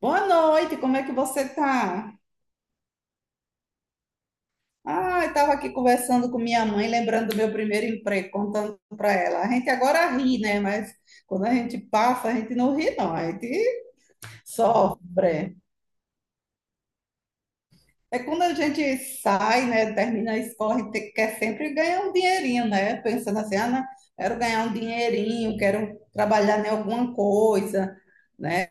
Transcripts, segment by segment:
Boa noite, como é que você tá? Ah, eu estava aqui conversando com minha mãe, lembrando do meu primeiro emprego, contando para ela. A gente agora ri, né? Mas quando a gente passa, a gente não ri, não, a gente sofre. É quando a gente sai, né? Termina a escola, a gente quer sempre ganhar um dinheirinho, né? Pensando assim, ah, não, quero ganhar um dinheirinho, quero trabalhar em alguma coisa, né?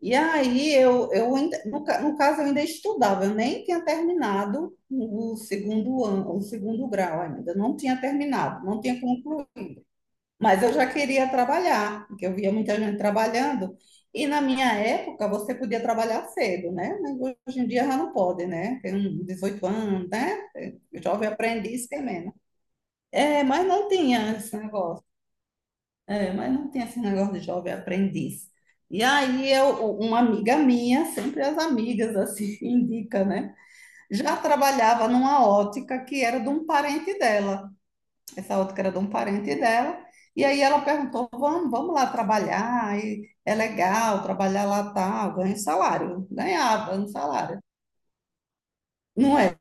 E aí eu, no caso, eu ainda estudava, eu nem tinha terminado o segundo ano, o segundo grau ainda, não tinha terminado, não tinha concluído. Mas eu já queria trabalhar, porque eu via muita gente trabalhando, e na minha época você podia trabalhar cedo, né? Mas hoje em dia já não pode, né? Tem um 18 anos, né? O Jovem Aprendiz tem menos. É, mas não tinha esse negócio. É, mas não tem esse negócio de jovem aprendiz. E aí uma amiga minha, sempre as amigas assim indica, né? Já trabalhava numa ótica que era de um parente dela. Essa ótica era de um parente dela. E aí ela perguntou: "Vamos, vamos lá trabalhar? E é legal trabalhar lá tal, ganha um salário". Ganhava um salário. Não é.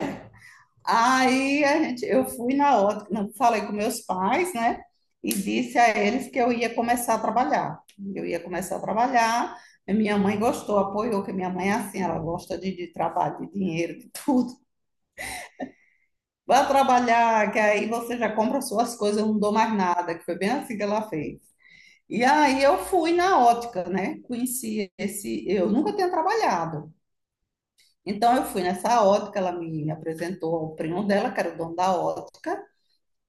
Aí eu fui na ótica, falei com meus pais, né? E disse a eles que eu ia começar a trabalhar. Eu ia começar a trabalhar. E minha mãe gostou, apoiou, que minha mãe é assim, ela gosta de trabalho, de dinheiro, de tudo. Vai trabalhar, que aí você já compra suas coisas, eu não dou mais nada, que foi bem assim que ela fez. E aí eu fui na ótica, né? Eu nunca tinha trabalhado. Então eu fui nessa ótica, ela me apresentou ao primo dela, que era o dono da ótica.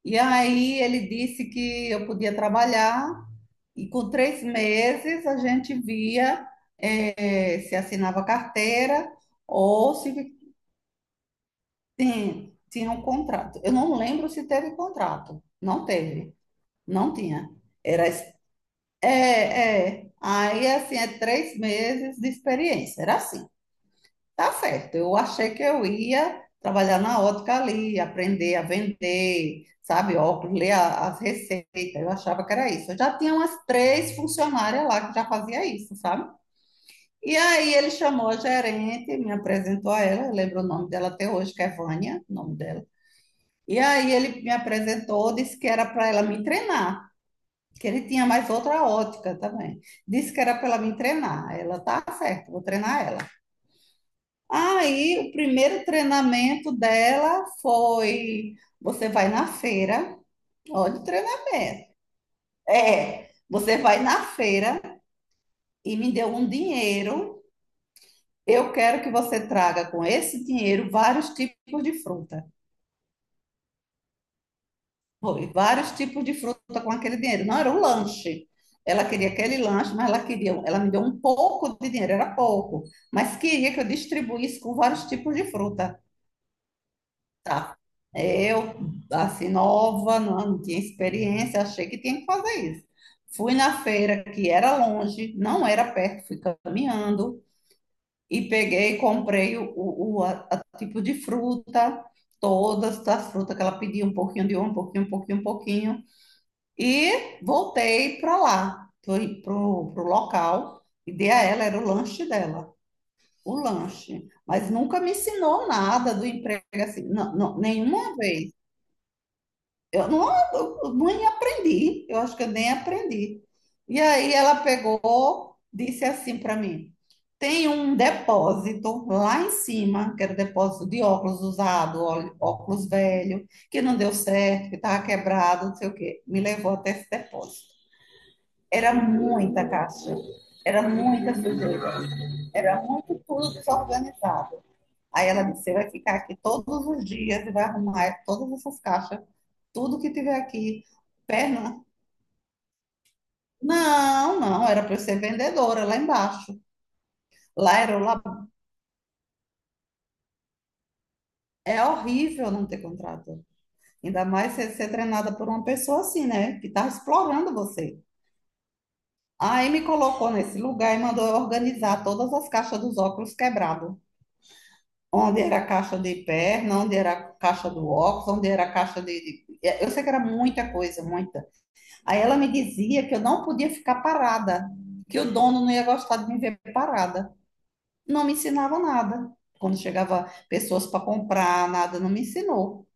E aí ele disse que eu podia trabalhar e com 3 meses a gente via, se assinava carteira, ou se tinha um contrato. Eu não lembro se teve contrato. Não teve, não tinha. Era es- É, é. Aí assim é 3 meses de experiência. Era assim. Tá certo. Eu achei que eu ia trabalhar na ótica ali, aprender a vender, sabe, óculos, ler as receitas. Eu achava que era isso. Eu já tinha umas três funcionárias lá que já fazia isso, sabe? E aí ele chamou a gerente, me apresentou a ela, eu lembro o nome dela até hoje, que é Vânia, o nome dela. E aí ele me apresentou, disse que era para ela me treinar, que ele tinha mais outra ótica também. Disse que era para ela me treinar. Ela, tá certo, vou treinar ela. Aí, o primeiro treinamento dela foi: você vai na feira, olha o treinamento. É, você vai na feira e me deu um dinheiro. Eu quero que você traga com esse dinheiro vários tipos de fruta. Foi, vários tipos de fruta com aquele dinheiro. Não era um lanche. Ela queria aquele lanche, mas ela queria, ela me deu um pouco de dinheiro, era pouco, mas queria que eu distribuísse com vários tipos de fruta. Tá. Eu, assim, nova, não tinha experiência, achei que tinha que fazer isso. Fui na feira, que era longe, não era perto, fui caminhando e peguei e comprei a tipo de fruta, todas as frutas que ela pediu, um pouquinho de uma, um pouquinho, um pouquinho, um pouquinho. E voltei para lá, fui pro local e dei a ela, era o lanche dela, o lanche. Mas nunca me ensinou nada do emprego, assim, não, não, nenhuma vez. Eu não, eu nem aprendi, eu acho que eu nem aprendi. E aí ela pegou, disse assim para mim: tem um depósito lá em cima, que era depósito de óculos usado, óculos velho, que não deu certo, que estava quebrado, não sei o quê. Me levou até esse depósito. Era muita caixa, era muita sujeira, era muito tudo desorganizado. Aí ela disse: Você vai ficar aqui todos os dias e vai arrumar todas essas caixas, tudo que tiver aqui. Perna. Não, não, era para eu ser vendedora lá embaixo. Lá era o lab. É horrível não ter contrato. Ainda mais ser treinada por uma pessoa assim, né? Que tá explorando você. Aí me colocou nesse lugar e mandou eu organizar todas as caixas dos óculos quebrados. Onde era a caixa de perna, onde era a caixa do óculos, onde era a caixa de. Eu sei que era muita coisa, muita. Aí ela me dizia que eu não podia ficar parada, que o dono não ia gostar de me ver parada. Não me ensinava nada. Quando chegava pessoas para comprar, nada, não me ensinou.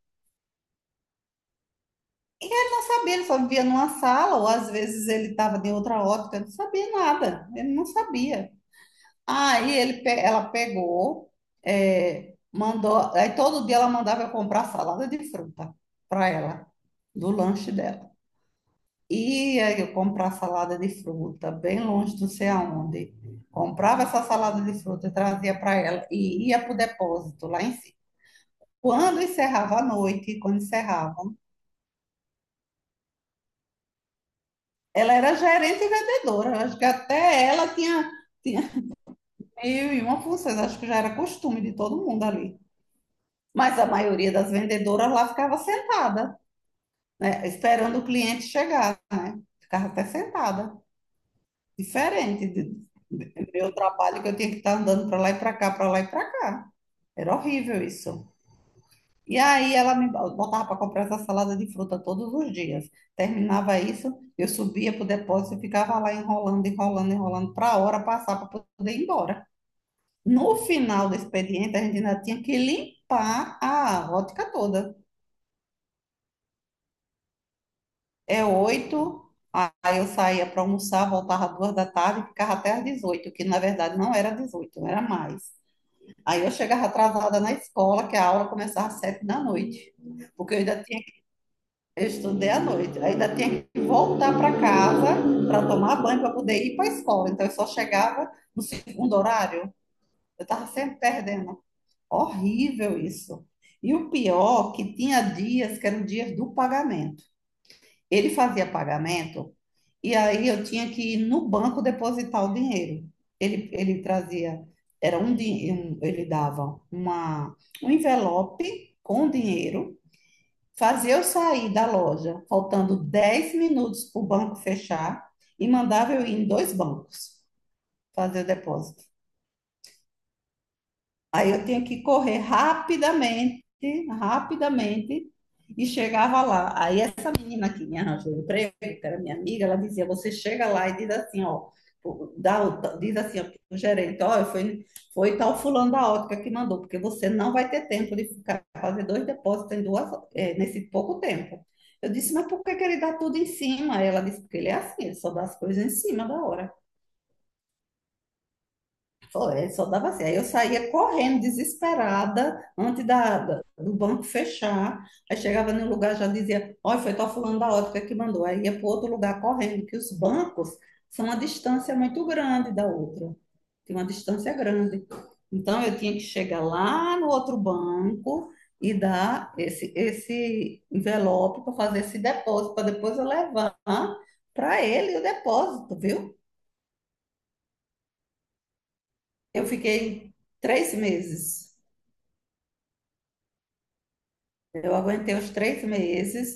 E ele não sabia, ele só vivia numa sala, ou às vezes ele estava de outra ótica, não sabia nada, ele não sabia. Aí ela pegou, é, mandou, aí todo dia ela mandava eu comprar salada de fruta para ela, do lanche dela. Ia eu comprar salada de fruta, bem longe do sei aonde. Comprava essa salada de fruta, trazia para ela e ia para o depósito lá em cima. Quando encerrava a noite, quando encerravam, ela era gerente e vendedora. Eu acho que até ela tinha, mil e uma funções, acho que já era costume de todo mundo ali. Mas a maioria das vendedoras lá ficava sentada, né, esperando o cliente chegar, né? Ficava até sentada. Diferente do meu trabalho, que eu tinha que estar andando para lá e para cá, para lá e para cá. Era horrível isso. E aí ela me botava para comprar essa salada de fruta todos os dias. Terminava isso, eu subia para o depósito e ficava lá enrolando, enrolando, enrolando, para a hora passar para poder ir embora. No final do expediente, a gente ainda tinha que limpar a rótica toda. É 8, aí eu saía para almoçar, voltava às 2 da tarde e ficava até às 18, que na verdade não era 18, era mais. Aí eu chegava atrasada na escola, que a aula começava às 7 da noite, porque eu ainda tinha, eu estudei à noite, ainda tinha que voltar para casa para tomar banho para poder ir para a escola. Então eu só chegava no segundo horário, eu estava sempre perdendo. Horrível isso. E o pior, que tinha dias que eram dias do pagamento. Ele fazia pagamento e aí eu tinha que ir no banco depositar o dinheiro. Ele trazia, era um, din- um- ele dava um envelope com dinheiro, fazia eu sair da loja, faltando 10 minutos para o banco fechar, e mandava eu ir em dois bancos fazer o depósito. Aí eu tinha que correr rapidamente, rapidamente, e chegava lá. Aí essa menina que me arranjou o emprego, que era minha amiga, ela dizia: você chega lá e diz assim, ó, dá, diz assim ó, pro gerente, ó, foi tal fulano da ótica que mandou, porque você não vai ter tempo de ficar fazer dois depósitos nesse pouco tempo. Eu disse, mas por que que ele dá tudo em cima? Aí ela disse, porque ele é assim, ele só dá as coisas em cima da hora. Foi, só dava assim. Aí eu saía correndo, desesperada, antes do banco fechar. Aí chegava no lugar, já dizia, olha, foi tal fulano da ótica que mandou. Aí ia para outro lugar correndo, que os bancos são uma distância muito grande da outra. Tem uma distância grande. Então, eu tinha que chegar lá no outro banco e dar esse envelope para fazer esse depósito, para depois eu levar para ele o depósito, viu? Eu fiquei 3 meses. Eu aguentei os 3 meses,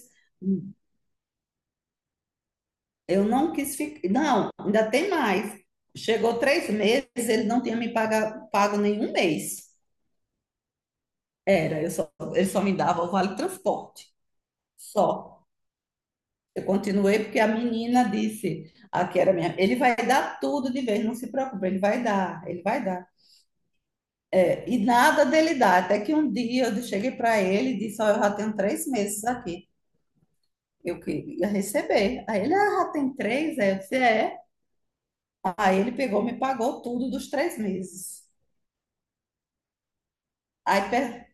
eu não quis ficar. Não, ainda tem mais. Chegou 3 meses, ele não tinha me pago nenhum mês. Ele só me dava o vale transporte. Só. Eu continuei porque a menina disse, aqui era minha, ele vai dar tudo de vez, não se preocupe, ele vai dar, ele vai dar. E nada dele dar. Até que um dia eu cheguei para ele e disse: Ó, eu já tenho 3 meses aqui. Eu queria receber. Aí ele, ah, já tem três? Aí eu disse, é. Aí ele pegou, me pagou tudo dos 3 meses. Aí, per-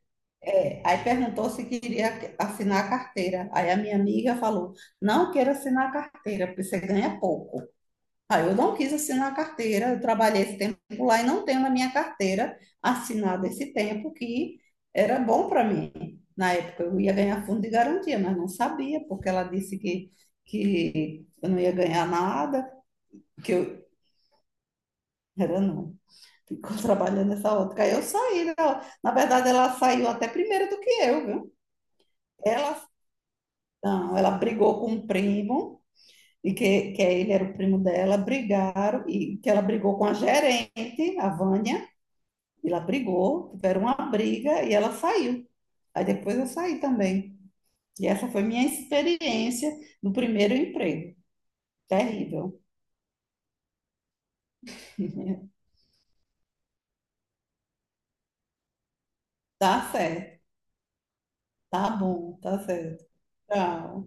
aí, perguntou se queria assinar a carteira. Aí a minha amiga falou: não quero assinar a carteira, porque você ganha pouco. Aí eu não quis assinar a carteira, eu trabalhei esse tempo lá e não tenho na minha carteira assinada esse tempo, que era bom para mim. Na época eu ia ganhar fundo de garantia, mas não sabia, porque ela disse que eu não ia ganhar nada, que eu era não. Ficou trabalhando nessa outra. Aí eu saí, né? Na verdade, ela saiu até primeiro do que eu, viu? Ela, não, ela brigou com um primo, e que ele era o primo dela, brigaram, e que ela brigou com a gerente, a Vânia, e ela brigou, tiveram uma briga e ela saiu. Aí depois eu saí também. E essa foi minha experiência no primeiro emprego. Terrível. Tá certo. Tá bom, tá certo. Tchau.